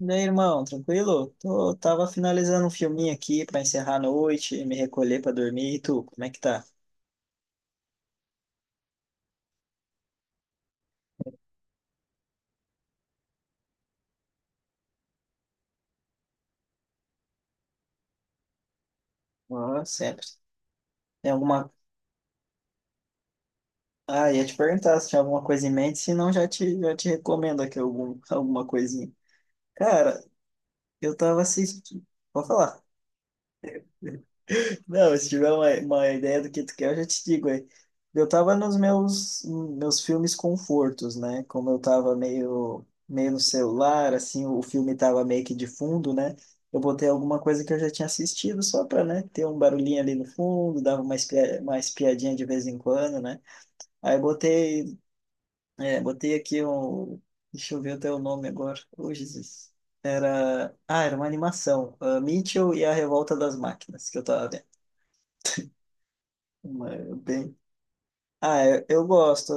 E aí, irmão, tranquilo? Tô, tava finalizando um filminho aqui pra encerrar a noite, me recolher pra dormir. E tu, como é que tá? Ah, sempre. Tem alguma. Ah, ia te perguntar se tinha alguma coisa em mente, se não, já te recomendo aqui algum, alguma coisinha. Cara, eu tava assistindo. Vou falar. Não, se tiver uma ideia do que tu quer, eu já te digo aí. Eu tava nos meus filmes confortos, né? Como eu tava meio no celular, assim, o filme tava meio que de fundo, né? Eu botei alguma coisa que eu já tinha assistido só pra, né, ter um barulhinho ali no fundo, dava uma, espia, uma espiadinha de vez em quando, né? Aí eu botei, é, botei aqui um... Deixa eu ver até o nome agora. Ô, Jesus. Era... Ah, era uma animação. Ah, Mitchell e a Revolta das Máquinas, que eu tava vendo. Uma, bem, Ah, eu gosto.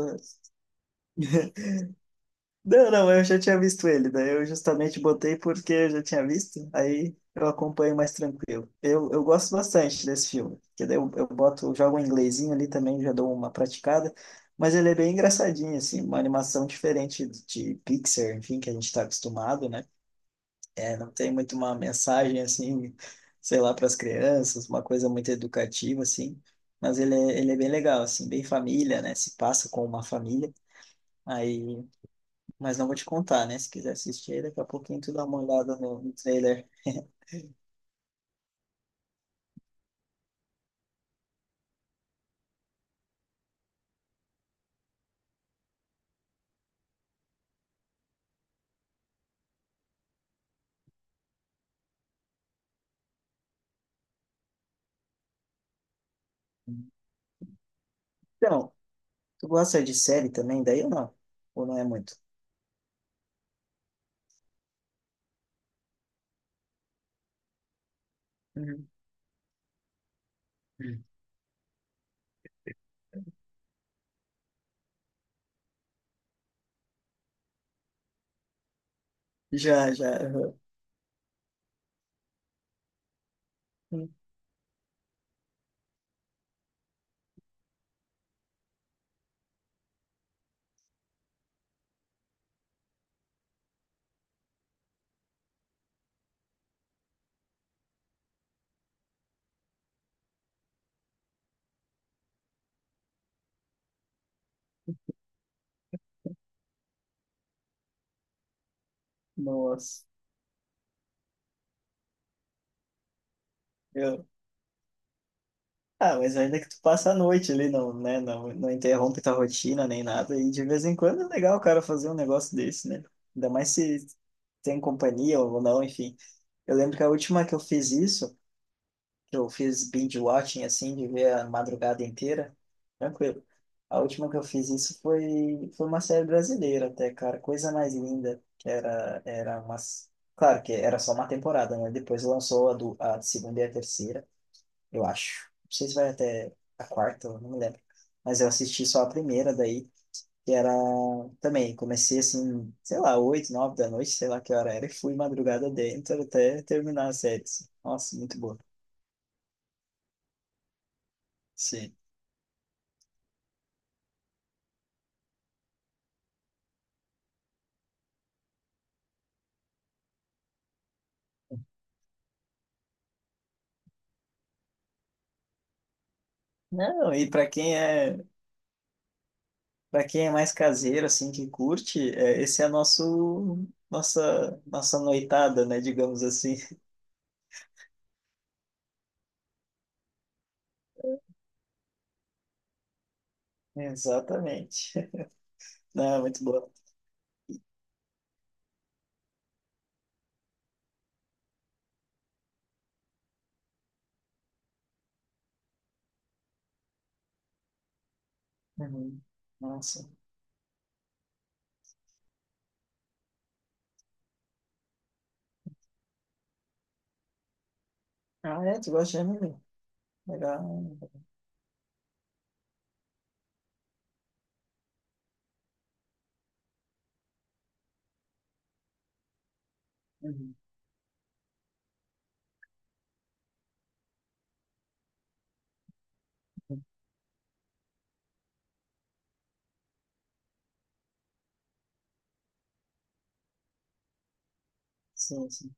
Não, não, eu já tinha visto ele, daí eu justamente botei porque eu já tinha visto, aí eu acompanho mais tranquilo. Eu gosto bastante desse filme, porque daí eu boto, eu jogo um inglesinho ali também, já dou uma praticada, mas ele é bem engraçadinho, assim, uma animação diferente de Pixar, enfim, que a gente está acostumado, né? É, não tem muito uma mensagem, assim, sei lá, para as crianças, uma coisa muito educativa, assim, mas ele é bem legal, assim, bem família, né? Se passa com uma família. Aí, mas não vou te contar, né? Se quiser assistir, aí, daqui a pouquinho tu dá uma olhada no, no trailer. Então, tu gosta de série também, daí ou não? Ou não é muito? Uhum. Já, já. Uhum. Nossa. Eu, ah, mas ainda que tu passa a noite ali, não, né? Não, não interrompe tua rotina nem nada. E de vez em quando é legal o cara fazer um negócio desse, né? Ainda mais se tem companhia ou não, enfim. Eu lembro que a última que eu fiz isso, que eu fiz binge watching, assim, de ver a madrugada inteira, tranquilo. A última que eu fiz isso foi uma série brasileira até, cara. Coisa mais linda. Que era umas. Claro que era só uma temporada, né? Depois lançou a, do, a segunda e a terceira, eu acho. Não sei se vai até a quarta, eu não me lembro. Mas eu assisti só a primeira daí, que era também, comecei assim, sei lá, oito, nove da noite, sei lá que hora era, e fui madrugada dentro até terminar a série. Assim. Nossa, muito boa. Sim. Não, e para quem é mais caseiro assim que curte, é, esse é nosso, nossa, nossa noitada, né, digamos assim. Exatamente. Não, é muito boa. Uhum. Nossa. Ah, é, tu gosta de anime? Legal. Uhum. Sim, sim.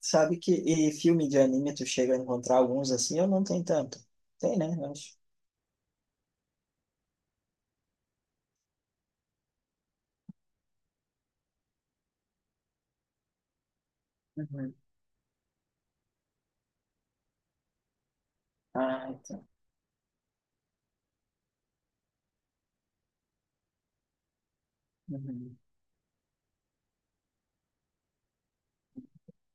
Sabe que e filme de anime tu chega a encontrar alguns assim, eu não tenho tanto. Tem, né? Eu acho. Uhum. Ah, então. Uhum.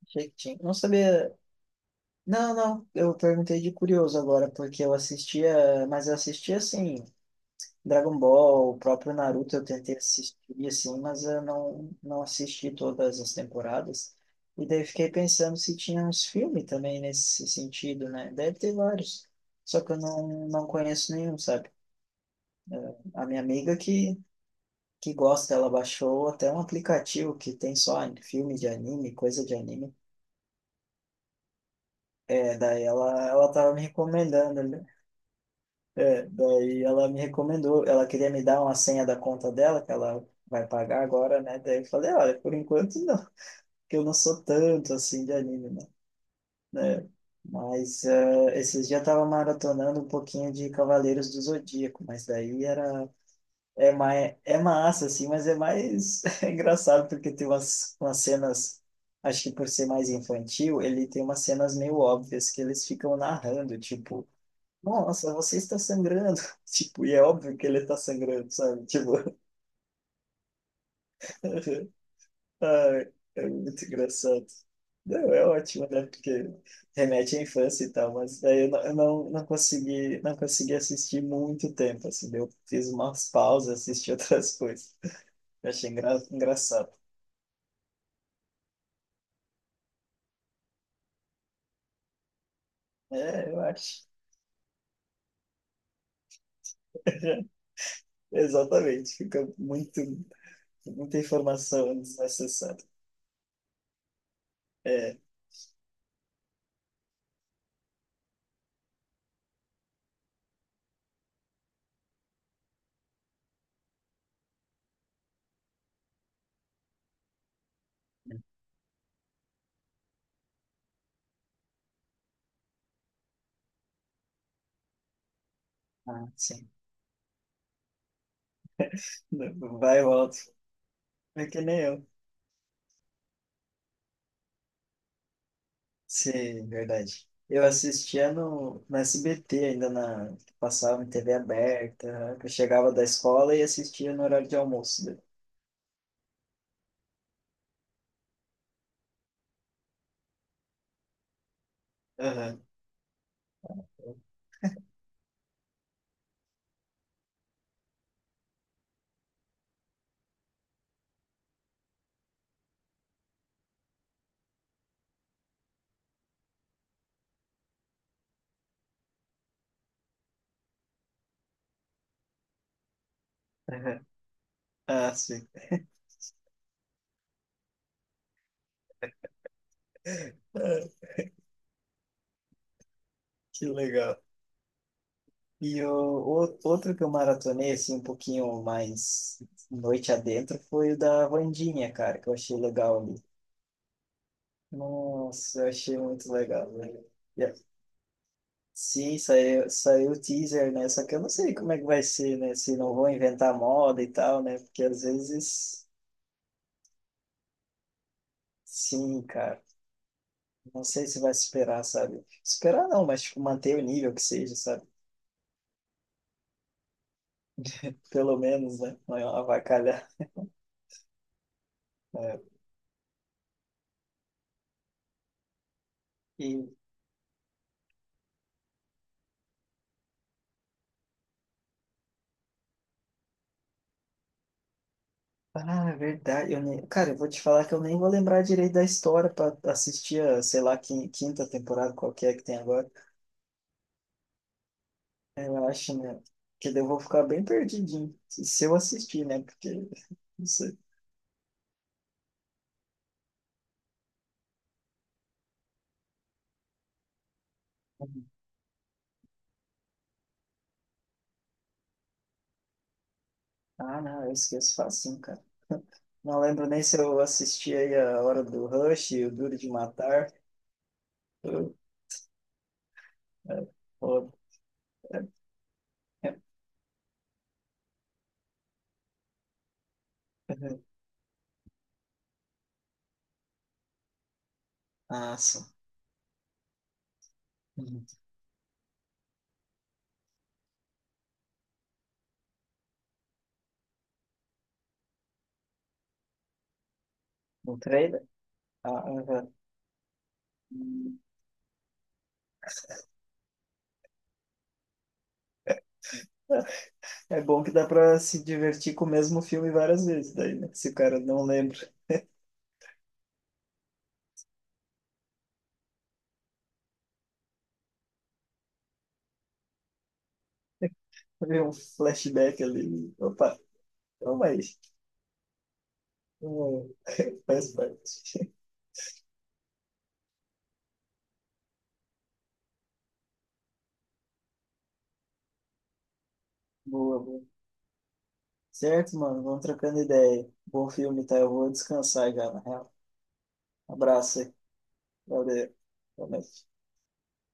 Achei que tinha. Não sabia. Não, não. Eu perguntei de curioso agora, porque eu assistia, mas eu assistia assim, Dragon Ball, o próprio Naruto eu tentei assistir assim, mas eu não, não assisti todas as temporadas. E daí eu fiquei pensando se tinha uns filmes também nesse sentido, né? Deve ter vários. Só que eu não, não conheço nenhum, sabe? A minha amiga que gosta, ela baixou até um aplicativo que tem só filme de anime, coisa de anime. É, daí ela tava me recomendando, né? É, daí ela me recomendou, ela queria me dar uma senha da conta dela, que ela vai pagar agora, né? Daí eu falei, olha, por enquanto não, porque eu não sou tanto assim de anime, né? Né? Mas esses dias eu tava maratonando um pouquinho de Cavaleiros do Zodíaco, mas daí era. É, mais, é massa, assim, mas é mais, é engraçado porque tem umas, umas cenas, acho que por ser mais infantil, ele tem umas cenas meio óbvias que eles ficam narrando, tipo, nossa, você está sangrando. Tipo, e é óbvio que ele está sangrando, sabe? Tipo, ai, é muito engraçado. Não, é ótimo, né? Porque remete à infância e tal, mas daí eu não, eu não consegui, não consegui assistir muito tempo, assim, eu fiz umas pausas, assisti outras coisas. Eu achei engra- engraçado. É, eu acho. Exatamente. Fica muito, muita informação desnecessária. É, ah, sim. Vai e volta. É que nem eu. Sim, verdade. Eu assistia no, no SBT ainda na, que passava em TV aberta. Né? Eu chegava da escola e assistia no horário de almoço. Né? Aham, aham. Ah, sim. Ah, que legal. E o- outro que eu maratonei, assim, um pouquinho mais noite adentro, foi o da Wandinha, cara, que eu achei legal ali. Nossa, eu achei muito legal, velho. E sim, saiu, saiu o teaser, né? Só que eu não sei como é que vai ser, né? Se não vão inventar moda e tal, né? Porque às vezes, sim, cara. Não sei se vai superar, sabe? Superar não, mas tipo, manter o nível que seja, sabe? Pelo menos, né? Não é avacalhar. É. E ah, é verdade. Eu nem... Cara, eu vou te falar que eu nem vou lembrar direito da história para assistir a, sei lá, quin- quinta temporada, qual que é que tem agora. Eu acho, né? Que daí eu vou ficar bem perdidinho. Se eu assistir, né? Porque. Não sei. Ah, não, eu esqueço facinho, cara. Não lembro nem se eu assisti aí a Hora do Rush, o Duro de Matar. Eu- é, foda. É, é. Ah, sim. Uhum. O trailer? Ah, uhum. É bom que dá pra se divertir com o mesmo filme várias vezes, daí, né? Se o cara não lembra, vê um flashback ali. Opa, toma aí. Hum, faz parte. Boa, boa. Certo, mano? Vamos trocando ideia. Bom filme, tá? Eu vou descansar já, na real. Abraço aí. Valeu. Boa noite.